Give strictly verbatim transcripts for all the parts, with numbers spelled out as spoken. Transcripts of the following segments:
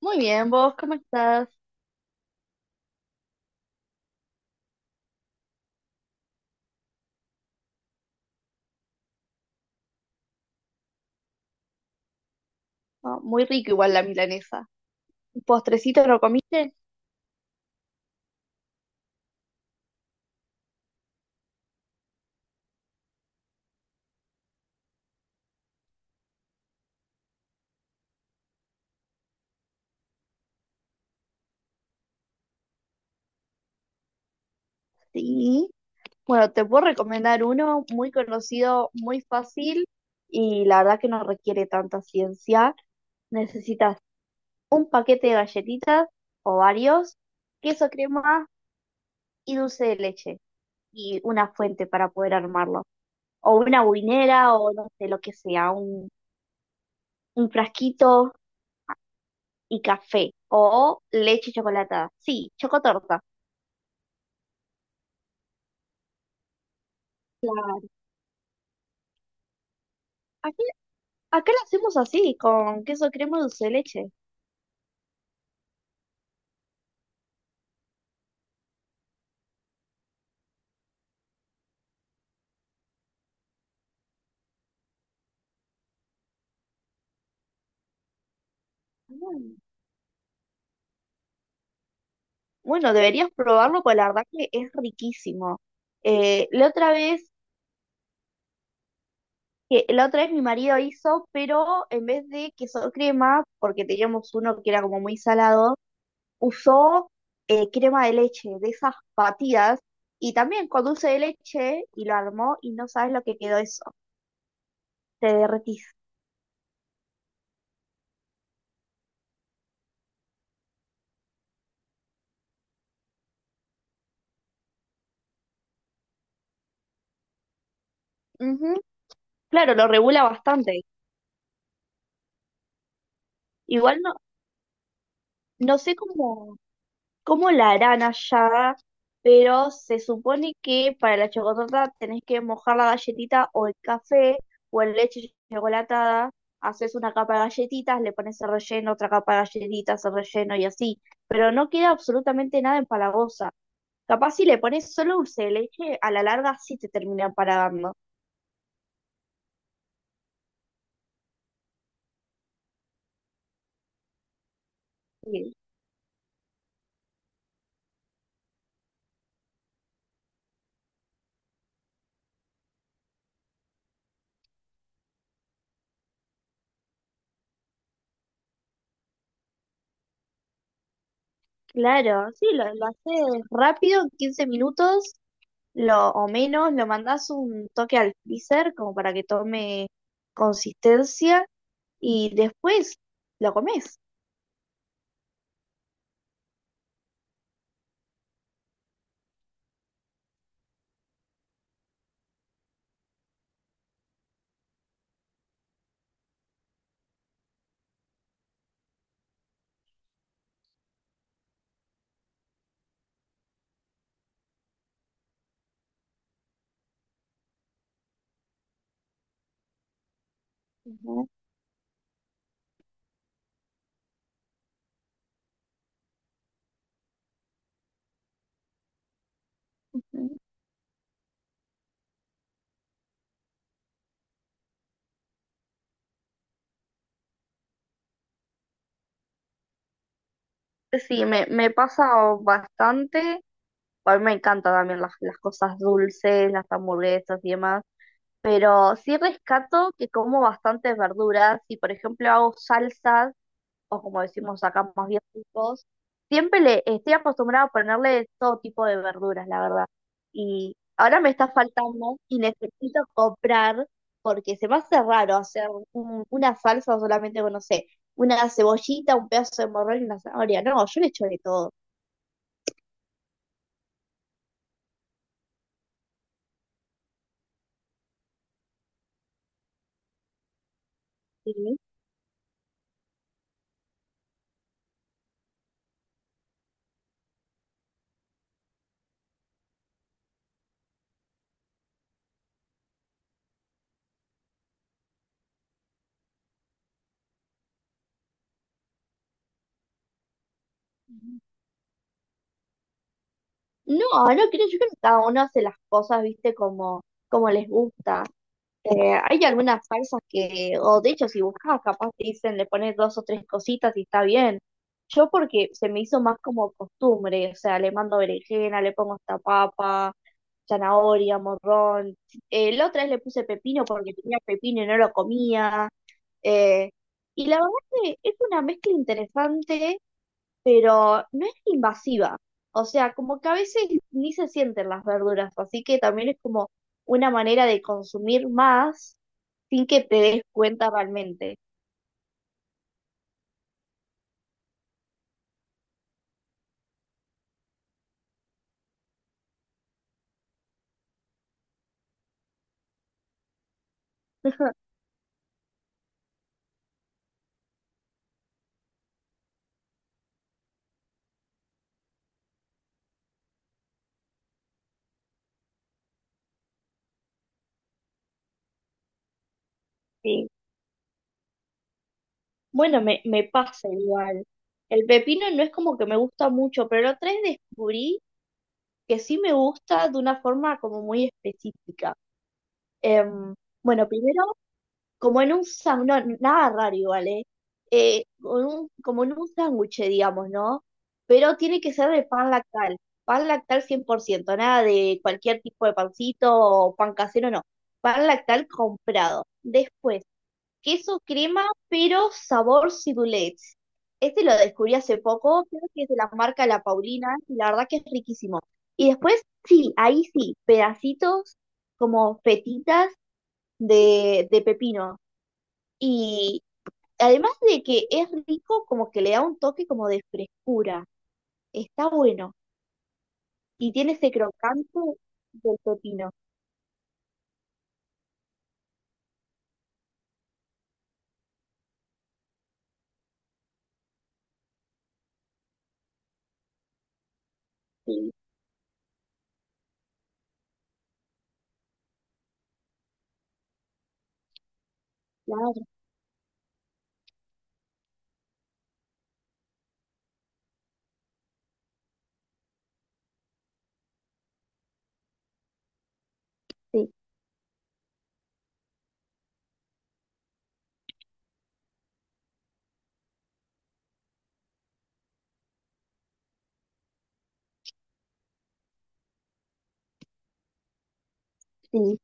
Muy bien, vos, ¿cómo estás? Ah, muy rico igual la milanesa. ¿Un ¿Postrecito no comiste? Sí. Bueno, te puedo recomendar uno muy conocido, muy fácil y la verdad que no requiere tanta ciencia. Necesitas un paquete de galletitas o varios, queso crema y dulce de leche y una fuente para poder armarlo. O una buinera o no sé, lo que sea, un, un frasquito y café o leche chocolatada. Sí, chocotorta. Aquí, acá lo hacemos así, con queso crema dulce de leche. Mm. Bueno, deberías probarlo, pues la verdad que es riquísimo. Eh, la otra vez, que, la otra vez mi marido hizo, pero en vez de queso crema, porque teníamos uno que era como muy salado, usó eh, crema de leche, de esas batidas, y también con dulce de leche, y lo armó, y no sabes lo que quedó eso. Te derretís. Ujú. Claro, lo regula bastante. Igual no, no sé cómo. cómo la harán allá, pero se supone que para la chocotorta tenés que mojar la galletita o el café o en leche chocolatada, haces una capa de galletitas, le pones el relleno, otra capa de galletitas, el relleno y así, pero no queda absolutamente nada empalagosa. Capaz si le pones solo dulce de leche, a la larga sí te termina empalagando. Sí, claro, sí, lo, lo haces rápido, en quince minutos lo, o menos, lo mandás un toque al freezer como para que tome consistencia y después lo comés. Ujú, ujú. Sí, me, me pasa bastante. A mí me encantan también las, las cosas dulces, las hamburguesas y demás. Pero sí rescato que como bastantes verduras y, por ejemplo, hago salsas o como decimos acá más bien todos, siempre le estoy acostumbrada a ponerle todo tipo de verduras, la verdad. Y ahora me está faltando y necesito comprar porque se me hace raro hacer un- una salsa solamente con, no sé, una cebollita, un pedazo de morrón y una zanahoria. No, yo le echo de todo. Sí. No, no creo, yo creo que cada uno hace las cosas, viste, como, como les gusta. Eh, hay algunas salsas que, o de hecho, si buscas, capaz te dicen, le pones dos o tres cositas y está bien. Yo porque se me hizo más como costumbre, o sea, le mando berenjena, le pongo esta papa, zanahoria, morrón. Eh, la otra vez le puse pepino porque tenía pepino y no lo comía. eh, y la verdad que es una mezcla interesante pero no es invasiva. O sea, como que a veces ni se sienten las verduras, así que también es como una manera de consumir más sin que te des cuenta realmente. Sí. Bueno, me, me pasa igual. El pepino no es como que me gusta mucho, pero la otra vez descubrí que sí me gusta de una forma como muy específica. Em, bueno, primero como en un sándwich, nada raro igual, ¿eh? Eh, con un- como en un sándwich, digamos, ¿no? Pero tiene que ser de pan lactal, pan lactal cien por ciento nada de cualquier tipo de pancito o pan casero, no, pan lactal comprado. Después, queso crema, pero sabor ciboulette. Este lo descubrí hace poco, creo que es de la marca La Paulina, y la verdad que es riquísimo. Y después, sí, ahí sí, pedacitos como fetitas de, de pepino. Y además de que es rico, como que le da un toque como de frescura. Está bueno. Y tiene ese crocante del pepino. Sí, claro, sí, sí.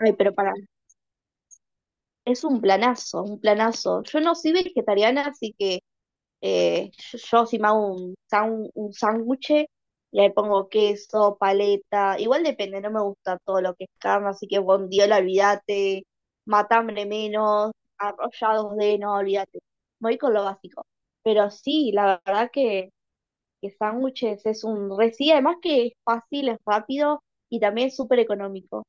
Ay, pero para, es un planazo, un planazo. Yo no soy vegetariana, así que Eh, yo, yo si me hago un sándwich, un sándwich, le pongo queso, paleta, igual depende, no me gusta todo lo que es carne, así que bondiola, olvídate, matambre menos, arrollados de, no, olvídate. Voy con lo básico. Pero sí, la verdad que, que, sándwiches es un re, sí, además que es fácil, es rápido y también es súper económico.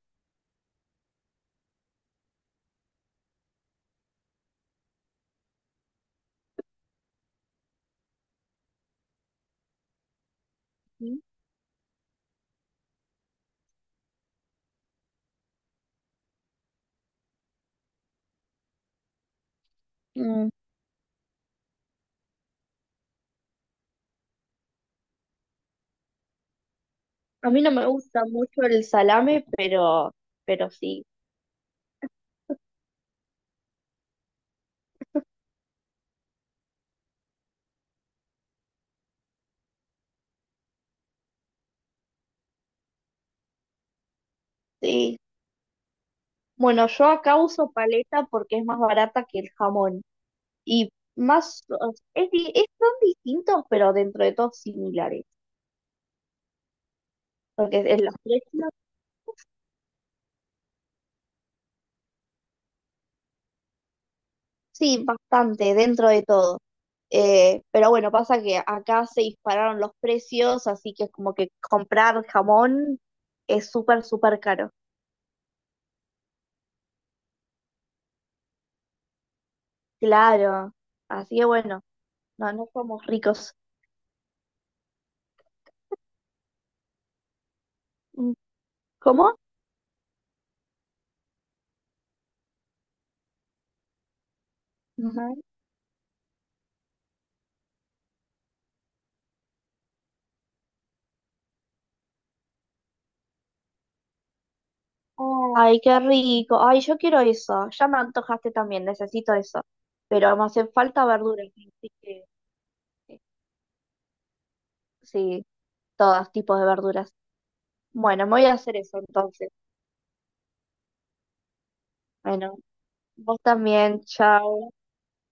Ujú. Mm, A mí no me gusta mucho el salame, pero, pero sí. Sí, Bueno, yo acá uso paleta porque es más barata que el jamón. Y más, o sea, es, di- es- son distintos, pero dentro de todo similares. Porque en los precios, sí, bastante, dentro de todo. Eh, pero bueno, pasa que acá se dispararon los precios, así que es como que comprar jamón es súper, súper caro. Claro. Así que bueno, no, no somos ricos. Mm, ¿Cómo? Ay, qué rico. Ay, yo quiero eso. Ya me antojaste también, necesito eso. Pero me hacen falta verduras, así que eh, sí, todos tipos de verduras. Bueno, me voy a hacer eso entonces. Bueno, vos también, chao.